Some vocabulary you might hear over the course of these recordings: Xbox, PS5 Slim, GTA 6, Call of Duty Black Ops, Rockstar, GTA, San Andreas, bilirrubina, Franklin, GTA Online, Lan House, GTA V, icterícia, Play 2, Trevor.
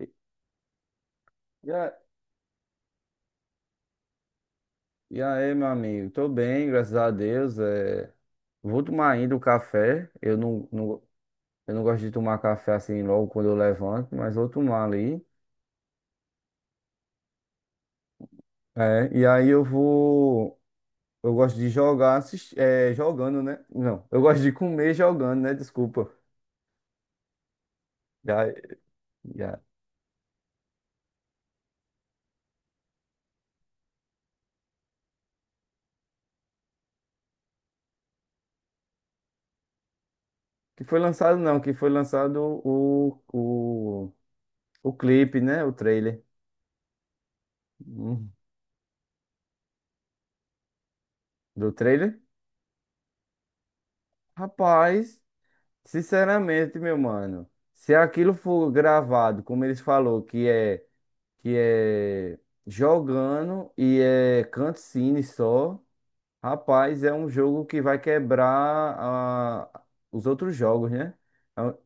E, e a- e aí, meu amigo? Tô bem, graças a Deus. Vou tomar ainda o café. Eu não gosto de tomar café assim logo quando eu levanto, mas vou tomar ali. É, e aí eu vou. Eu gosto de jogar, jogando, né? Não, eu gosto de comer jogando, né? Desculpa. Já, já. Que foi lançado, não, que foi lançado o, o, o clipe, né? O trailer. Hum, Do trailer? Rapaz. Sinceramente, meu mano, se aquilo for gravado, como eles falou, que é jogando e é cutscene só, rapaz, é um jogo que vai quebrar os outros jogos, né? É um-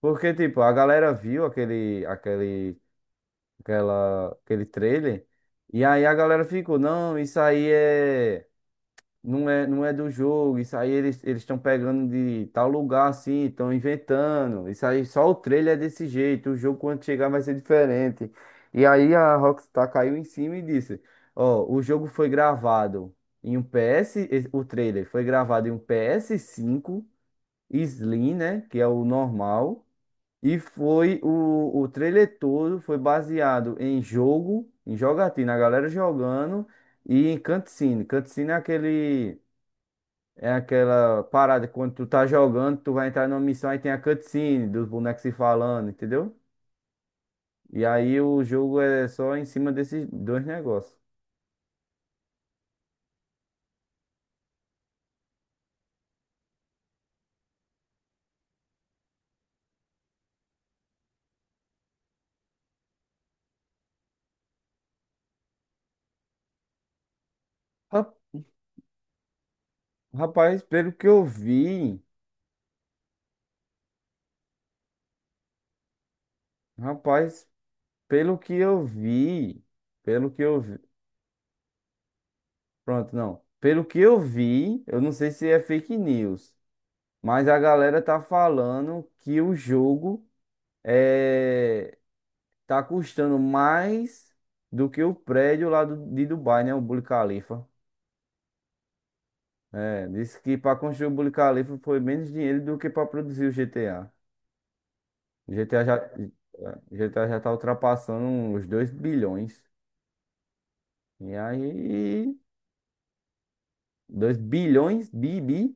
Porque tipo, a galera viu aquele trailer e aí a galera ficou, não, isso aí não é do jogo, isso aí eles estão pegando de tal lugar assim, estão inventando. Isso aí só o trailer é desse jeito, o jogo quando chegar vai ser diferente. E aí a Rockstar caiu em cima e disse: "Ó, o jogo foi gravado o trailer foi gravado em um PS5 Slim, né, que é o normal, e foi o trailer todo foi baseado em jogo, em jogatina, a galera jogando e em cutscene. Cutscene é aquele é aquela parada, quando tu tá jogando, tu vai entrar numa missão, aí tem a cutscene dos bonecos se falando, entendeu? E aí o jogo é só em cima desses dois negócios. Ra- Rapaz, pelo que eu vi, rapaz, pelo que eu vi, pelo que eu vi, pronto, não. Pelo que eu vi, eu não sei se é fake news, mas a galera tá falando que o jogo é tá custando mais do que o prédio lá de Dubai, né? O Burj Khalifa. É, disse que para construir o Burj Khalifa foi menos dinheiro do que para produzir o GTA. O GTA já tá ultrapassando os 2 bilhões. E aí, 2 bilhões? Bi, bi?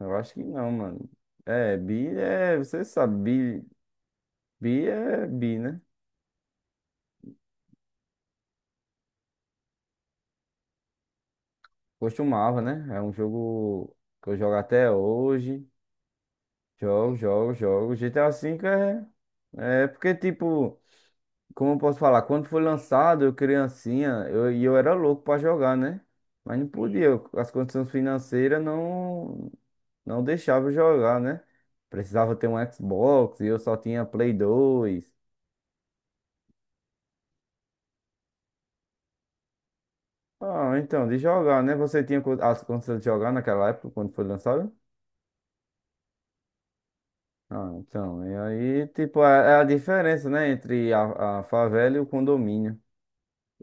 Eu acho que não, mano. É, bi é, você sabe, bi, bi é bi, né? Costumava, né? É um jogo que eu jogo até hoje. Jogo, jogo, jogo. GTA V é. É porque, tipo, como eu posso falar? Quando foi lançado, eu criancinha, eu era louco pra jogar, né? Mas não podia, as condições financeiras não deixavam eu jogar, né? Precisava ter um Xbox e eu só tinha Play 2. Ah, então, de jogar, né? Você tinha as condições de jogar naquela época, quando foi lançado? Ah, então, e aí, tipo, é a diferença, né? Entre a favela e o condomínio.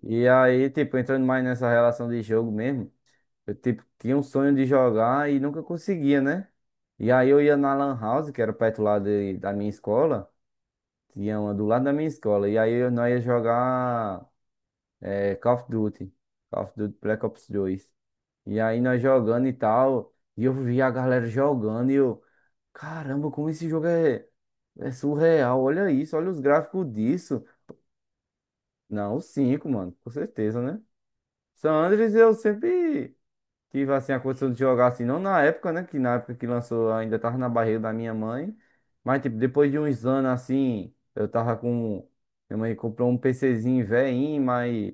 E aí, tipo, entrando mais nessa relação de jogo mesmo, eu, tipo, tinha um sonho de jogar e nunca conseguia, né? E aí eu ia na Lan House, que era perto lá da minha escola, tinha uma do lado da minha escola, e aí nós ia jogar é, Call of Duty, Call of Duty Black Ops dois. E aí nós jogando e tal, e eu via a galera jogando e eu, caramba, como esse jogo é surreal, olha isso, olha os gráficos disso. Não, o 5 mano, com certeza, né? San Andreas eu sempre. Tive assim a condição de jogar assim, não na época, né? Que na época que lançou eu ainda tava na barriga da minha mãe. Mas tipo, depois de uns anos assim, eu tava com. Minha mãe comprou um PCzinho velhinho, mas.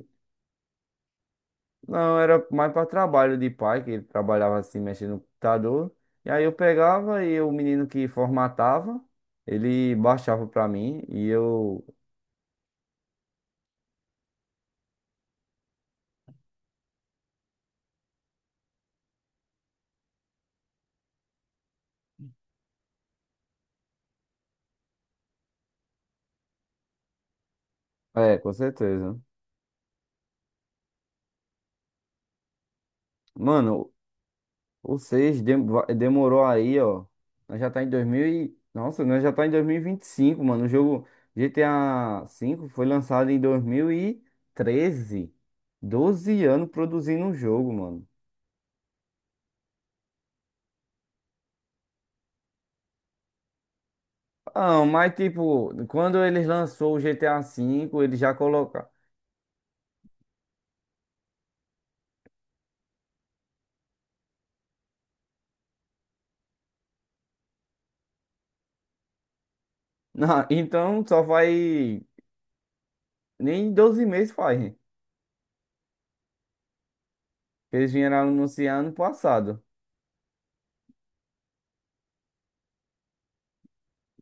Não, era mais para trabalho de pai, que ele trabalhava assim, mexendo no computador. E aí eu pegava e o menino que formatava, ele baixava pra mim e eu. É, com certeza. Mano, ou seja, demorou aí, ó. Nós já tá em 2000 e... Nossa, nós já tá em 2025 mano. O jogo GTA V foi lançado em 2013, 12 anos produzindo um jogo, mano. Ah, mas tipo, quando eles lançou o GTA V, eles já colocaram. Não, então só vai. Nem 12 meses faz. Eles vieram anunciar ano passado.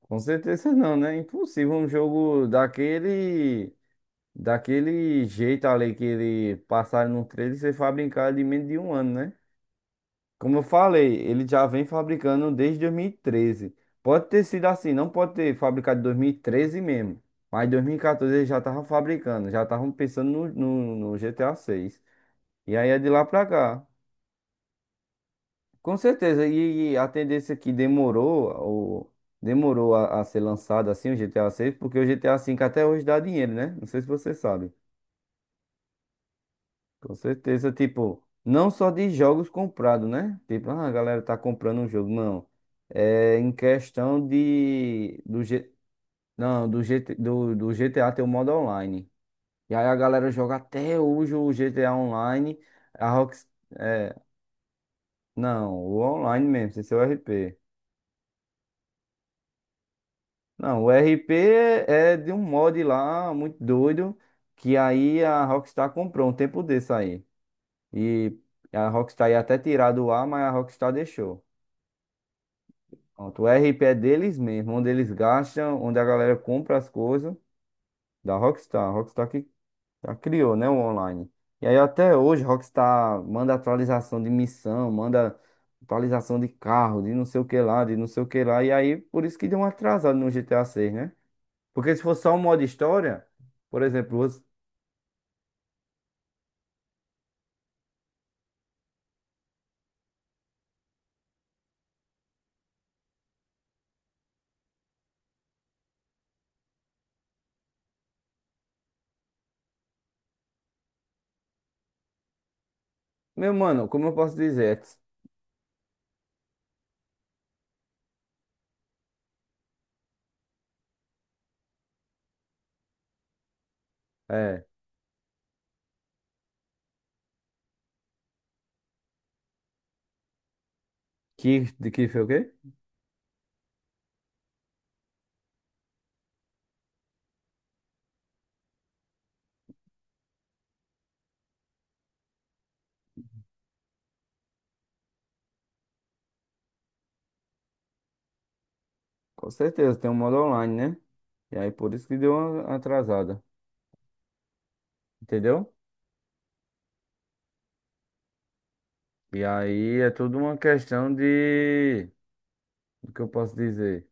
Com certeza não, né? Impossível um jogo daquele. Daquele jeito ali que ele passar no trailer, ser fabricado em menos de um ano, né? Como eu falei, ele já vem fabricando desde 2013. Pode ter sido assim, não pode ter fabricado em 2013 mesmo. Mas em 2014 ele já tava fabricando, já estavam pensando no GTA 6. E aí é de lá pra cá. Com certeza, e a tendência que demorou, demorou a ser lançado assim o GTA 6, porque o GTA 5 até hoje dá dinheiro, né? Não sei se você sabe. Com certeza, tipo, não só de jogos comprados, né? Tipo, ah, a galera tá comprando um jogo, não. É em questão de do G, não, do GT, do, do GTA ter o modo online. E aí a galera joga até hoje o GTA online, a Rox, é, não, o online mesmo, sem ser o RP. Não, o RP é de um mod lá muito doido que aí a Rockstar comprou um tempo desse aí. E a Rockstar ia até tirar do ar, mas a Rockstar deixou. Pronto, o RP é deles mesmo, onde eles gastam, onde a galera compra as coisas da Rockstar. Rockstar que já criou, né, o online. E aí até hoje Rockstar manda atualização de missão, manda atualização de carro, de não sei o que lá, de não sei o que lá. E aí por isso que deu um atrasado no GTA 6, né? Porque se fosse só um modo história, por exemplo, meu mano, como eu posso dizer? É, que foi o quê? Com certeza tem um modo online, né? E aí por isso que deu uma atrasada, entendeu? E aí é tudo uma questão de. O que eu posso dizer?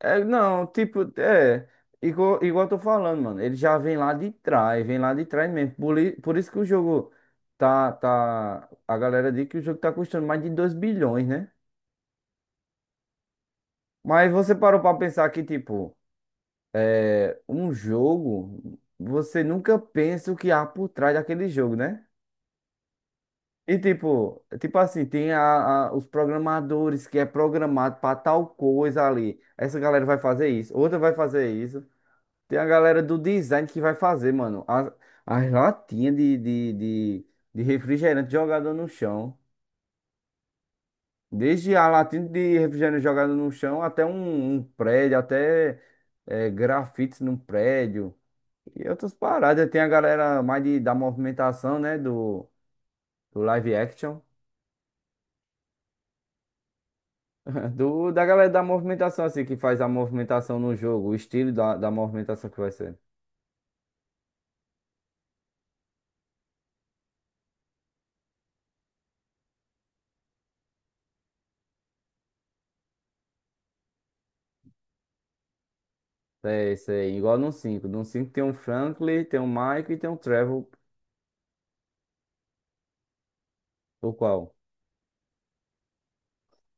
É, não, tipo, é. Igual eu tô falando, mano. Ele já vem lá de trás, vem lá de trás mesmo. Por isso que o jogo tá. A galera diz que o jogo tá custando mais de 2 bilhões, né? Mas você parou pra pensar que, tipo, um jogo, você nunca pensa o que há por trás daquele jogo, né? E tipo assim, tem os programadores que é programado para tal coisa ali. Essa galera vai fazer isso, outra vai fazer isso. Tem a galera do design que vai fazer, mano, as latinhas de refrigerante jogada no chão. Desde a latinha de refrigerante jogada no chão até um prédio, até grafite num prédio. E outras paradas. Tem a galera mais da movimentação, né? Do live action. Da galera da movimentação, assim, que faz a movimentação no jogo, o estilo da movimentação que vai ser. É isso aí, igual no cinco. No 5 tem um Franklin, tem um Mike e tem um Trevor. O qual?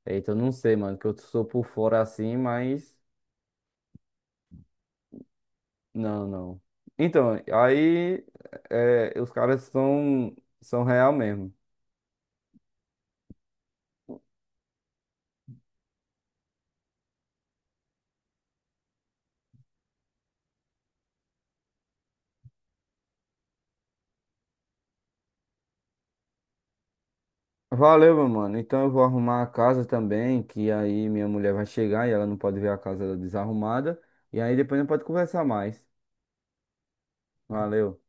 Eita, eu não sei, mano, que eu sou por fora assim, mas. Não, não. Então, aí. Os caras são real mesmo. Valeu, meu mano. Então eu vou arrumar a casa também, que aí minha mulher vai chegar e ela não pode ver a casa desarrumada. E aí depois não pode conversar mais. Valeu.